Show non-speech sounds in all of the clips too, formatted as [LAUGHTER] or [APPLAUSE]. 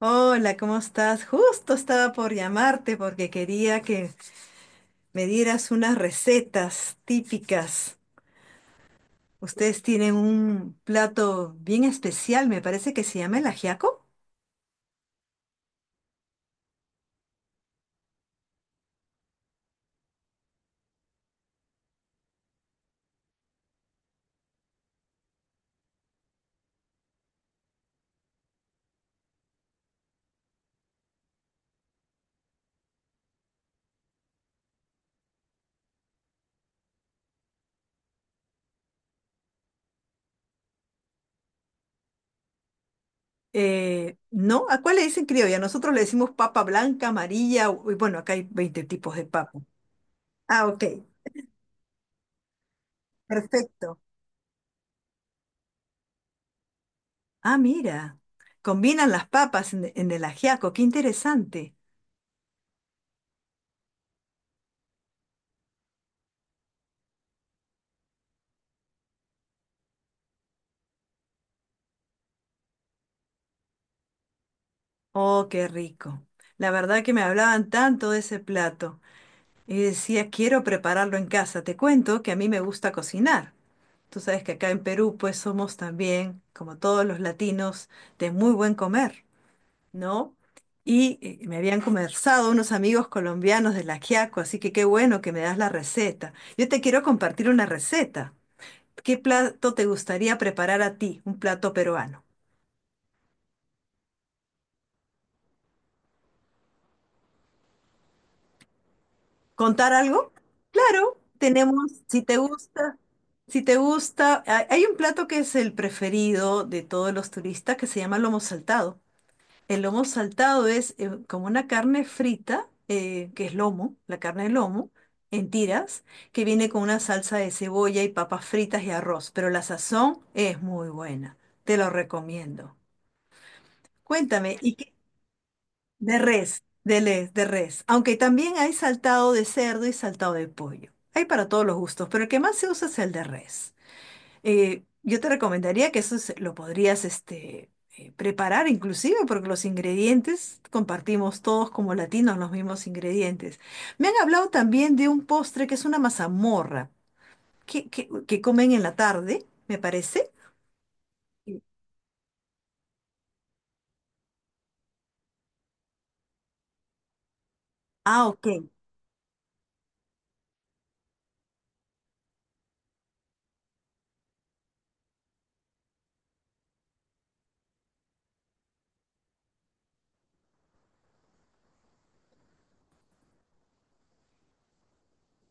Hola, ¿cómo estás? Justo estaba por llamarte porque quería que me dieras unas recetas típicas. Ustedes tienen un plato bien especial, me parece que se llama el ajiaco. ¿No? ¿A cuál le dicen criolla? Nosotros le decimos papa blanca, amarilla, y bueno, acá hay 20 tipos de papa. Ah, ok, perfecto. Ah, mira, combinan las papas en el ajiaco, qué interesante. Oh, qué rico. La verdad que me hablaban tanto de ese plato. Y decía, quiero prepararlo en casa. Te cuento que a mí me gusta cocinar. Tú sabes que acá en Perú, pues somos también, como todos los latinos, de muy buen comer, ¿no? Y me habían conversado unos amigos colombianos del ajiaco, así que qué bueno que me das la receta. Yo te quiero compartir una receta. ¿Qué plato te gustaría preparar a ti? Un plato peruano. ¿Contar algo? Claro, tenemos, si te gusta, si te gusta, hay un plato que es el preferido de todos los turistas que se llama lomo saltado. El lomo saltado es como una carne frita, que es lomo, la carne de lomo, en tiras, que viene con una salsa de cebolla y papas fritas y arroz, pero la sazón es muy buena. Te lo recomiendo. Cuéntame, ¿y qué? De res, de res. Aunque también hay saltado de cerdo y saltado de pollo. Hay para todos los gustos, pero el que más se usa es el de res. Yo te recomendaría que lo podrías preparar inclusive porque los ingredientes compartimos todos como latinos los mismos ingredientes. Me han hablado también de un postre que es una mazamorra que comen en la tarde, me parece. Sí. Ah, ok.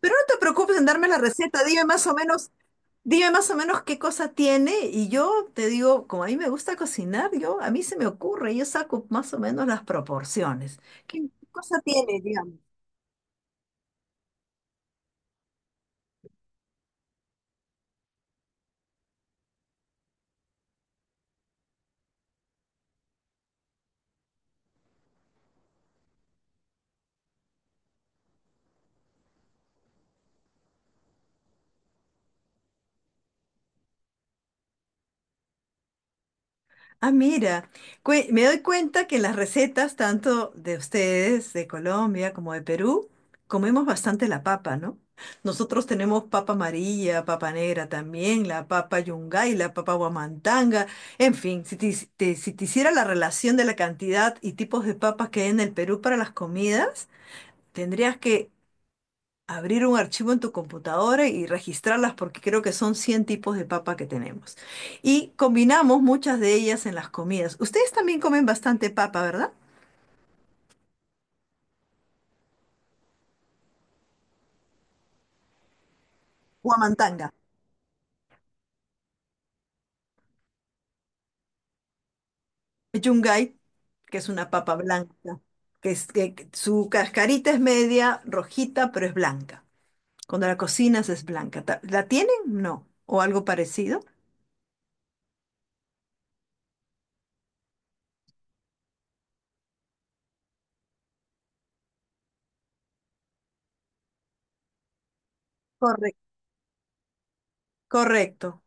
Pero no te preocupes en darme la receta, dime más o menos. Dime más o menos qué cosa tiene y yo te digo, como a mí me gusta cocinar, yo a mí se me ocurre, yo saco más o menos las proporciones. ¿Qué cosa tiene, digamos? Ah, mira, me doy cuenta que en las recetas, tanto de ustedes, de Colombia como de Perú, comemos bastante la papa, ¿no? Nosotros tenemos papa amarilla, papa negra también, la papa yungay, la papa guamantanga, en fin, si te hiciera la relación de la cantidad y tipos de papas que hay en el Perú para las comidas, tendrías que abrir un archivo en tu computadora y registrarlas porque creo que son 100 tipos de papa que tenemos. Y combinamos muchas de ellas en las comidas. Ustedes también comen bastante papa, ¿verdad? Huamantanga, yungay, que es una papa blanca, que su cascarita es media rojita, pero es blanca. Cuando la cocinas es blanca. ¿La tienen? No. ¿O algo parecido? Correcto. Correcto.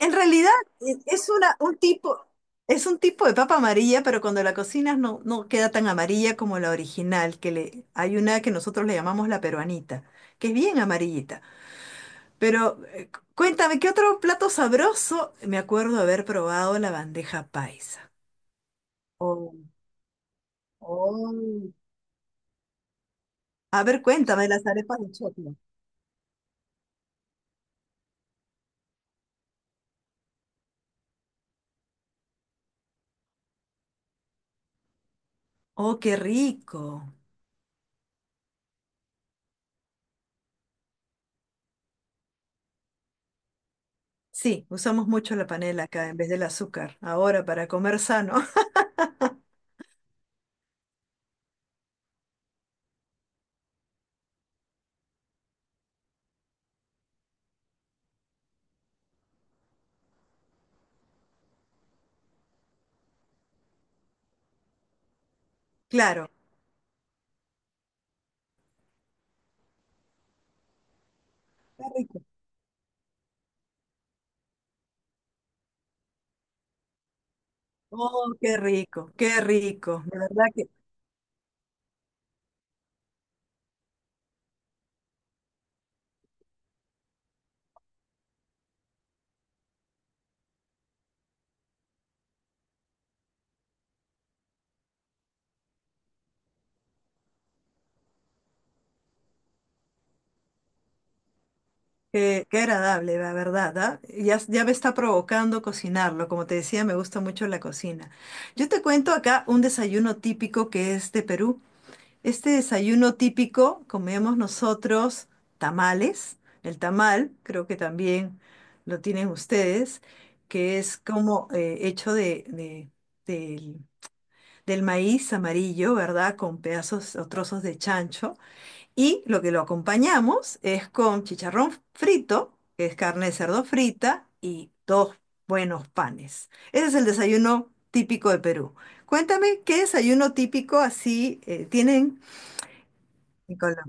En realidad es un tipo, es un tipo de papa amarilla, pero cuando la cocinas no queda tan amarilla como la original, hay una que nosotros le llamamos la peruanita, que es bien amarillita. Pero cuéntame, ¿qué otro plato sabroso? Me acuerdo haber probado la bandeja paisa. Oh, oh. A ver, cuéntame las arepas de choclo. Oh, qué rico. Sí, usamos mucho la panela acá en vez del azúcar, ahora para comer sano. [LAUGHS] Claro. Qué rico. Oh, qué rico, qué rico. De verdad que, qué agradable, la verdad, ¿ah? Ya, ya me está provocando cocinarlo. Como te decía, me gusta mucho la cocina. Yo te cuento acá un desayuno típico que es de Perú. Este desayuno típico comemos nosotros tamales. El tamal, creo que también lo tienen ustedes, que es como hecho del del maíz amarillo, ¿verdad? Con pedazos o trozos de chancho. Y lo que lo acompañamos es con chicharrón frito, que es carne de cerdo frita, y dos buenos panes. Ese es el desayuno típico de Perú. Cuéntame, ¿qué desayuno típico así tienen en Colombia?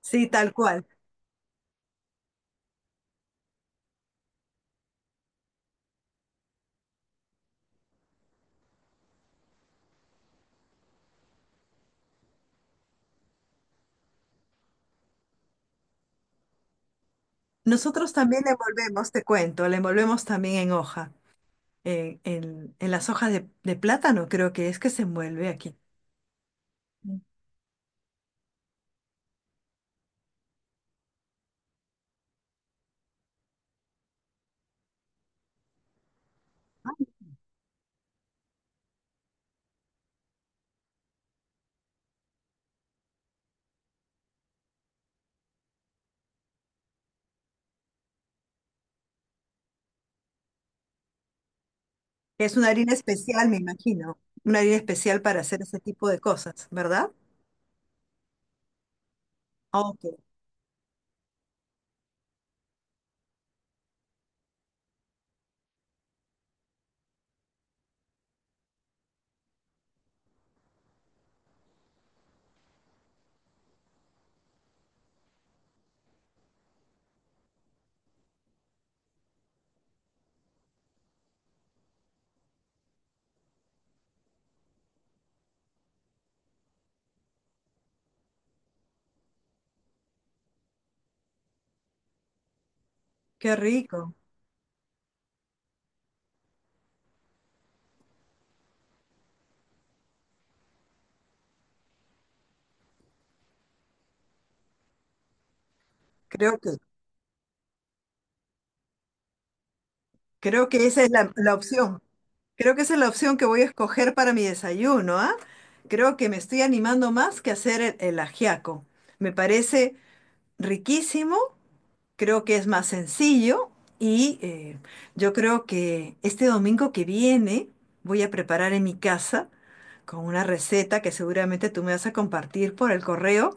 Sí, tal cual. Nosotros también le envolvemos, te cuento, le envolvemos también en hoja, en las hojas de plátano, creo que es que se envuelve aquí. Es una harina especial, me imagino, una harina especial para hacer ese tipo de cosas, ¿verdad? Ah, ok, qué rico. Creo que, creo que esa es la opción. Creo que esa es la opción que voy a escoger para mi desayuno, ¿ah? Creo que me estoy animando más que hacer el ajiaco. Me parece riquísimo, creo que es más sencillo y yo creo que este domingo que viene voy a preparar en mi casa con una receta que seguramente tú me vas a compartir por el correo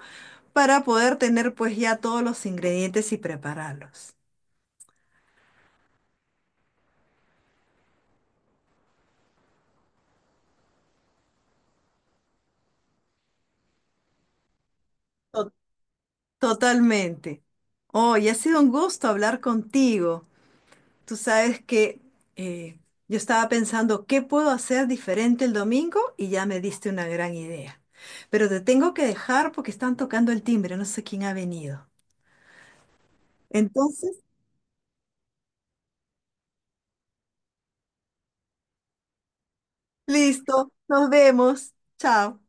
para poder tener pues ya todos los ingredientes y prepararlos. Totalmente. Hoy ha sido un gusto hablar contigo. Tú sabes que eh, yo estaba pensando qué puedo hacer diferente el domingo y ya me diste una gran idea. Pero te tengo que dejar porque están tocando el timbre, no sé quién ha venido. Entonces, listo, nos vemos. Chao.